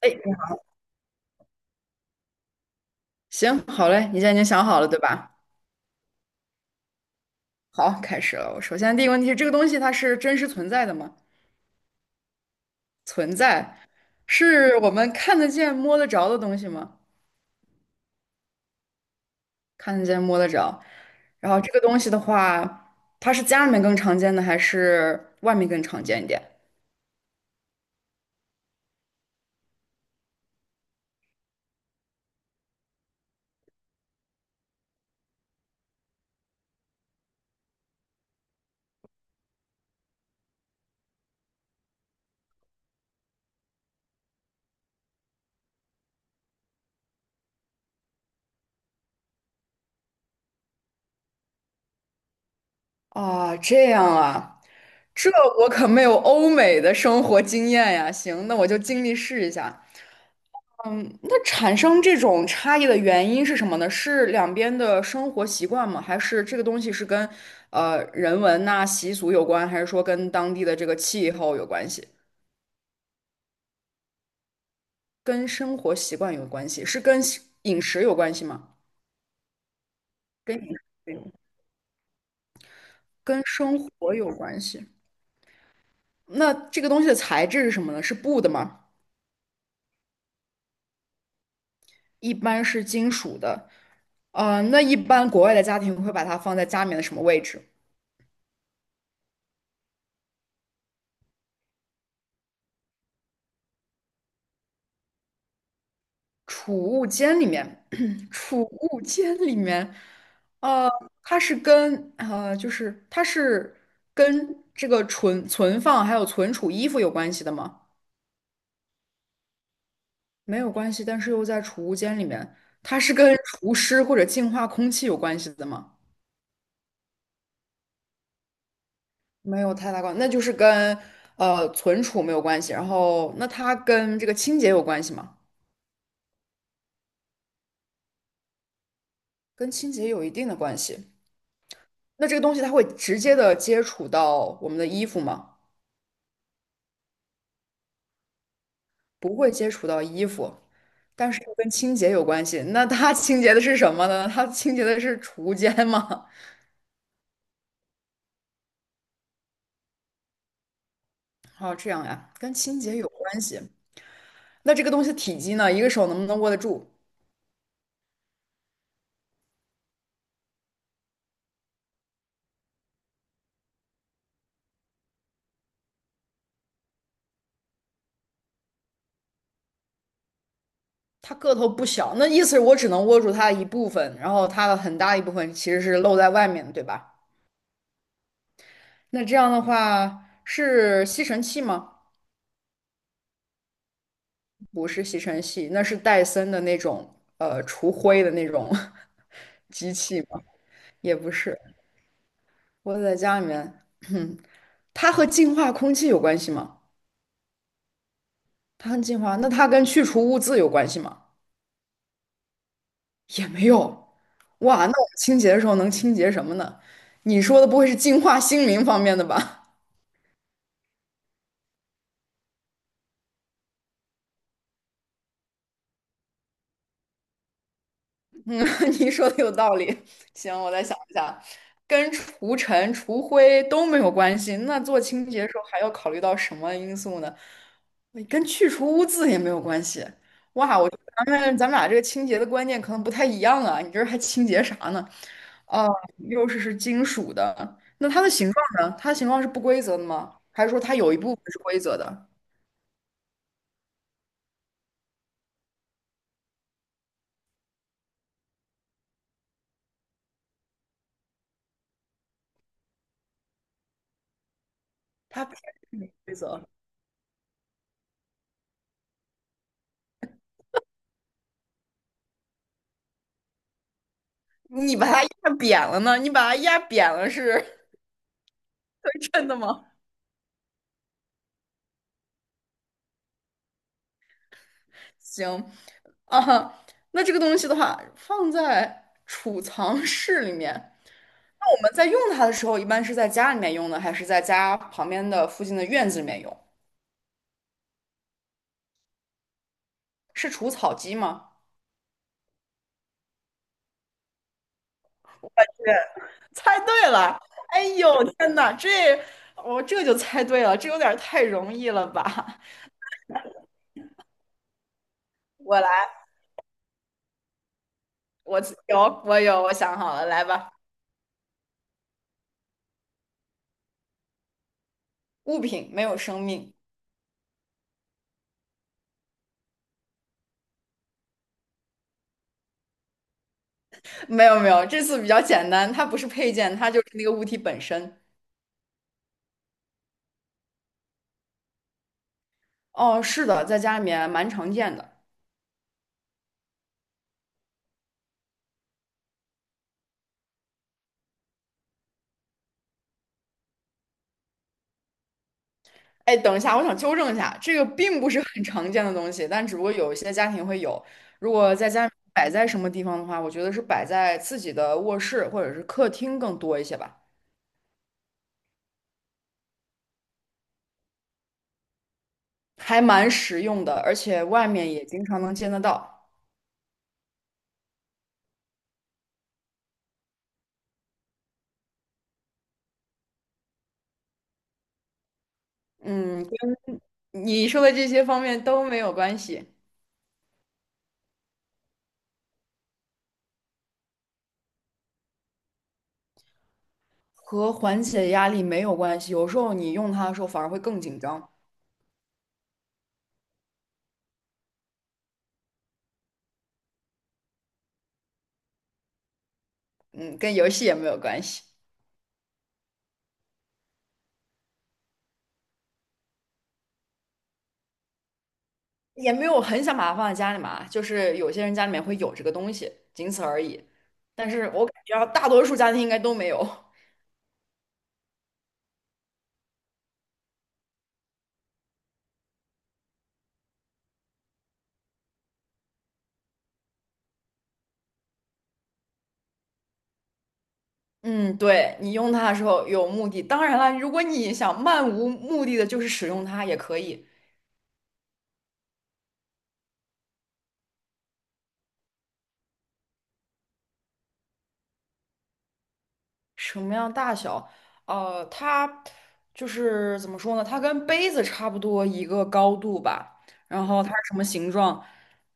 哎，行，好嘞，你现在已经想好了，对吧？好，开始了。我首先第一个问题是，这个东西它是真实存在的吗？存在，是我们看得见、摸得着的东西吗？看得见、摸得着。然后这个东西的话，它是家里面更常见的，还是外面更常见一点？啊，这样啊，这我可没有欧美的生活经验呀。行，那我就尽力试一下。产生这种差异的原因是什么呢？是两边的生活习惯吗？还是这个东西是跟人文呐、习俗有关，还是说跟当地的这个气候有关系？跟生活习惯有关系？是跟西饮食有关系吗？跟饮食有关，跟生活有关系。那这个东西的材质是什么呢？是布的吗？一般是金属的。呃，那一般国外的家庭会把它放在家里面的什么位置？储物间里面，储物间里面，呃，它是跟就是它是跟这个存放还有存储衣服有关系的吗？没有关系，但是又在储物间里面，它是跟除湿或者净化空气有关系的吗？没有太大关，那就是跟存储没有关系。然后，那它跟这个清洁有关系吗？跟清洁有一定的关系。那这个东西它会直接的接触到我们的衣服吗？不会接触到衣服，但是又跟清洁有关系。那它清洁的是什么呢？它清洁的是储物间吗？哦，这样呀，跟清洁有关系。那这个东西体积呢？一个手能不能握得住？它个头不小，那意思是我只能握住它的一部分，然后它的很大一部分其实是露在外面的，对吧？那这样的话是吸尘器吗？不是吸尘器，那是戴森的那种除灰的那种 机器吗？也不是，我在家里面。它和净化空气有关系吗？它和净化，那它跟去除污渍有关系吗？也没有。哇，那我们清洁的时候能清洁什么呢？你说的不会是净化心灵方面的吧？嗯，你说的有道理。行，我再想一下，跟除尘、除灰都没有关系，那做清洁的时候还要考虑到什么因素呢？跟去除污渍也没有关系。哇，我觉得咱们俩这个清洁的观念可能不太一样啊。你这还清洁啥呢？哦，又是金属的，那它的形状呢？它的形状是不规则的吗？还是说它有一部分是规则的？它不是没规则。你把它压扁了呢？你把它压扁了是 真的吗？行啊，那这个东西的话，放在储藏室里面。那我们在用它的时候，一般是在家里面用呢，还是在家旁边的附近的院子里面用？是除草机吗？对，猜对了！哎呦，天哪，这我这就猜对了，这有点儿太容易了吧？我来，我我有，我想好了，来吧。物品没有生命，没有，这次比较简单，它不是配件，它就是那个物体本身。哦，是的，在家里面蛮常见的。哎，等一下，我想纠正一下，这个并不是很常见的东西，但只不过有一些家庭会有。如果在家里摆在什么地方的话，我觉得是摆在自己的卧室或者是客厅更多一些吧，还蛮实用的，而且外面也经常能见得到。嗯，跟你说的这些方面都没有关系，和缓解压力没有关系。有时候你用它的时候反而会更紧张。嗯，跟游戏也没有关系。也没有很想把它放在家里嘛，就是有些人家里面会有这个东西，仅此而已。但是我感觉啊大多数家庭应该都没有。嗯，对，你用它的时候有目的。当然了，如果你想漫无目的的，就是使用它也可以。什么样大小？呃，它就是怎么说呢？它跟杯子差不多一个高度吧。然后它是什么形状？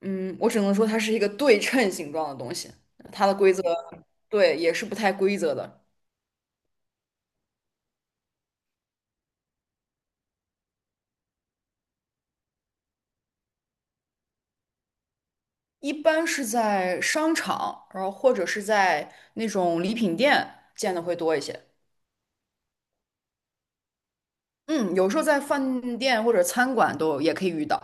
嗯，我只能说它是一个对称形状的东西。它的规则，对，也是不太规则的。一般是在商场，然后或者是在那种礼品店见的会多一些。嗯，有时候在饭店或者餐馆都也可以遇到。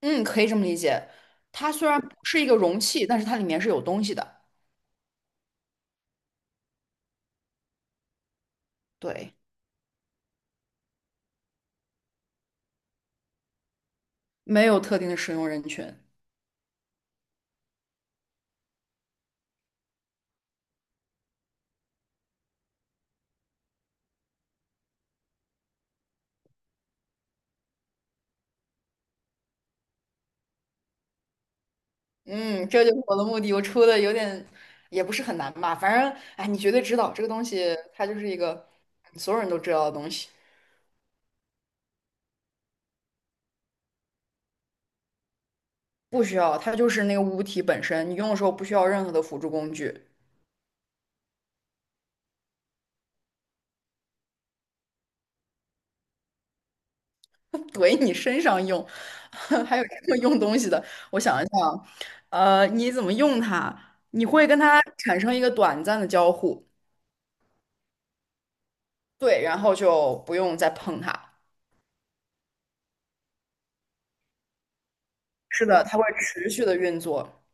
嗯，可以这么理解。它虽然不是一个容器，但是它里面是有东西的。对，没有特定的使用人群。嗯，这就是我的目的。我出的有点也不是很难吧，反正哎，你绝对知道这个东西，它就是一个所有人都知道的东西。不需要，它就是那个物体本身，你用的时候不需要任何的辅助工具。怼你身上用，还有这么用东西的。我想一想，呃，你怎么用它？你会跟它产生一个短暂的交互，对，然后就不用再碰它。是的，它会持续的运作。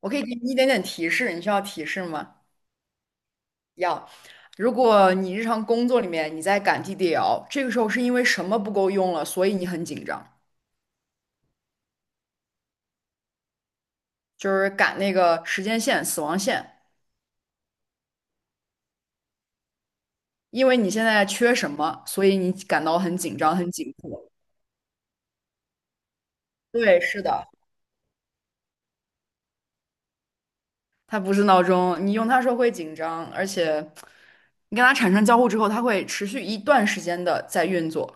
我可以给你一点点提示，你需要提示吗？要。如果你日常工作里面你在赶 DDL,这个时候是因为什么不够用了，所以你很紧张，就是赶那个时间线、死亡线，因为你现在缺什么，所以你感到很紧张、很紧迫。对，是的，它不是闹钟，你用它时候会紧张，而且你跟它产生交互之后，它会持续一段时间的在运作。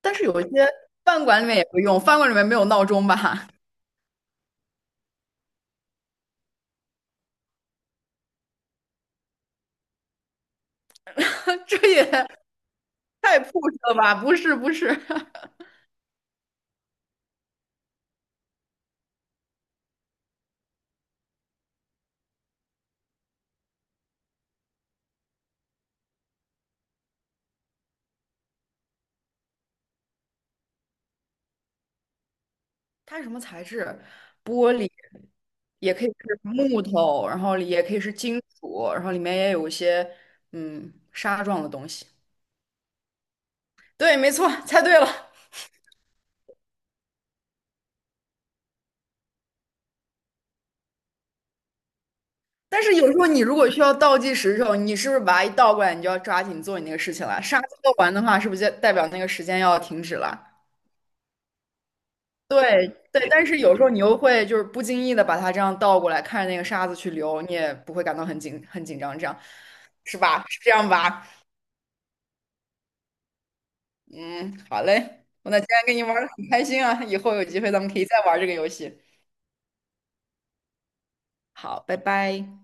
但是有一些饭馆里面也会用，饭馆里面没有闹钟吧？这也太 p u 了吧？不是，它是什么材质？玻璃，也可以是木头，然后也可以是金属，然后里面也有一些纱状的东西。对，没错，猜对了。但是有时候你如果需要倒计时的时候，你是不是把它一倒过来，你就要抓紧做你那个事情了？沙子做完的话，是不是就代表那个时间要停止了？对对，但是有时候你又会就是不经意的把它这样倒过来，看着那个沙子去流，你也不会感到很紧张，这样是吧？是这样吧？嗯，好嘞，我那今天跟你玩的很开心啊，以后有机会咱们可以再玩这个游戏。好，拜拜。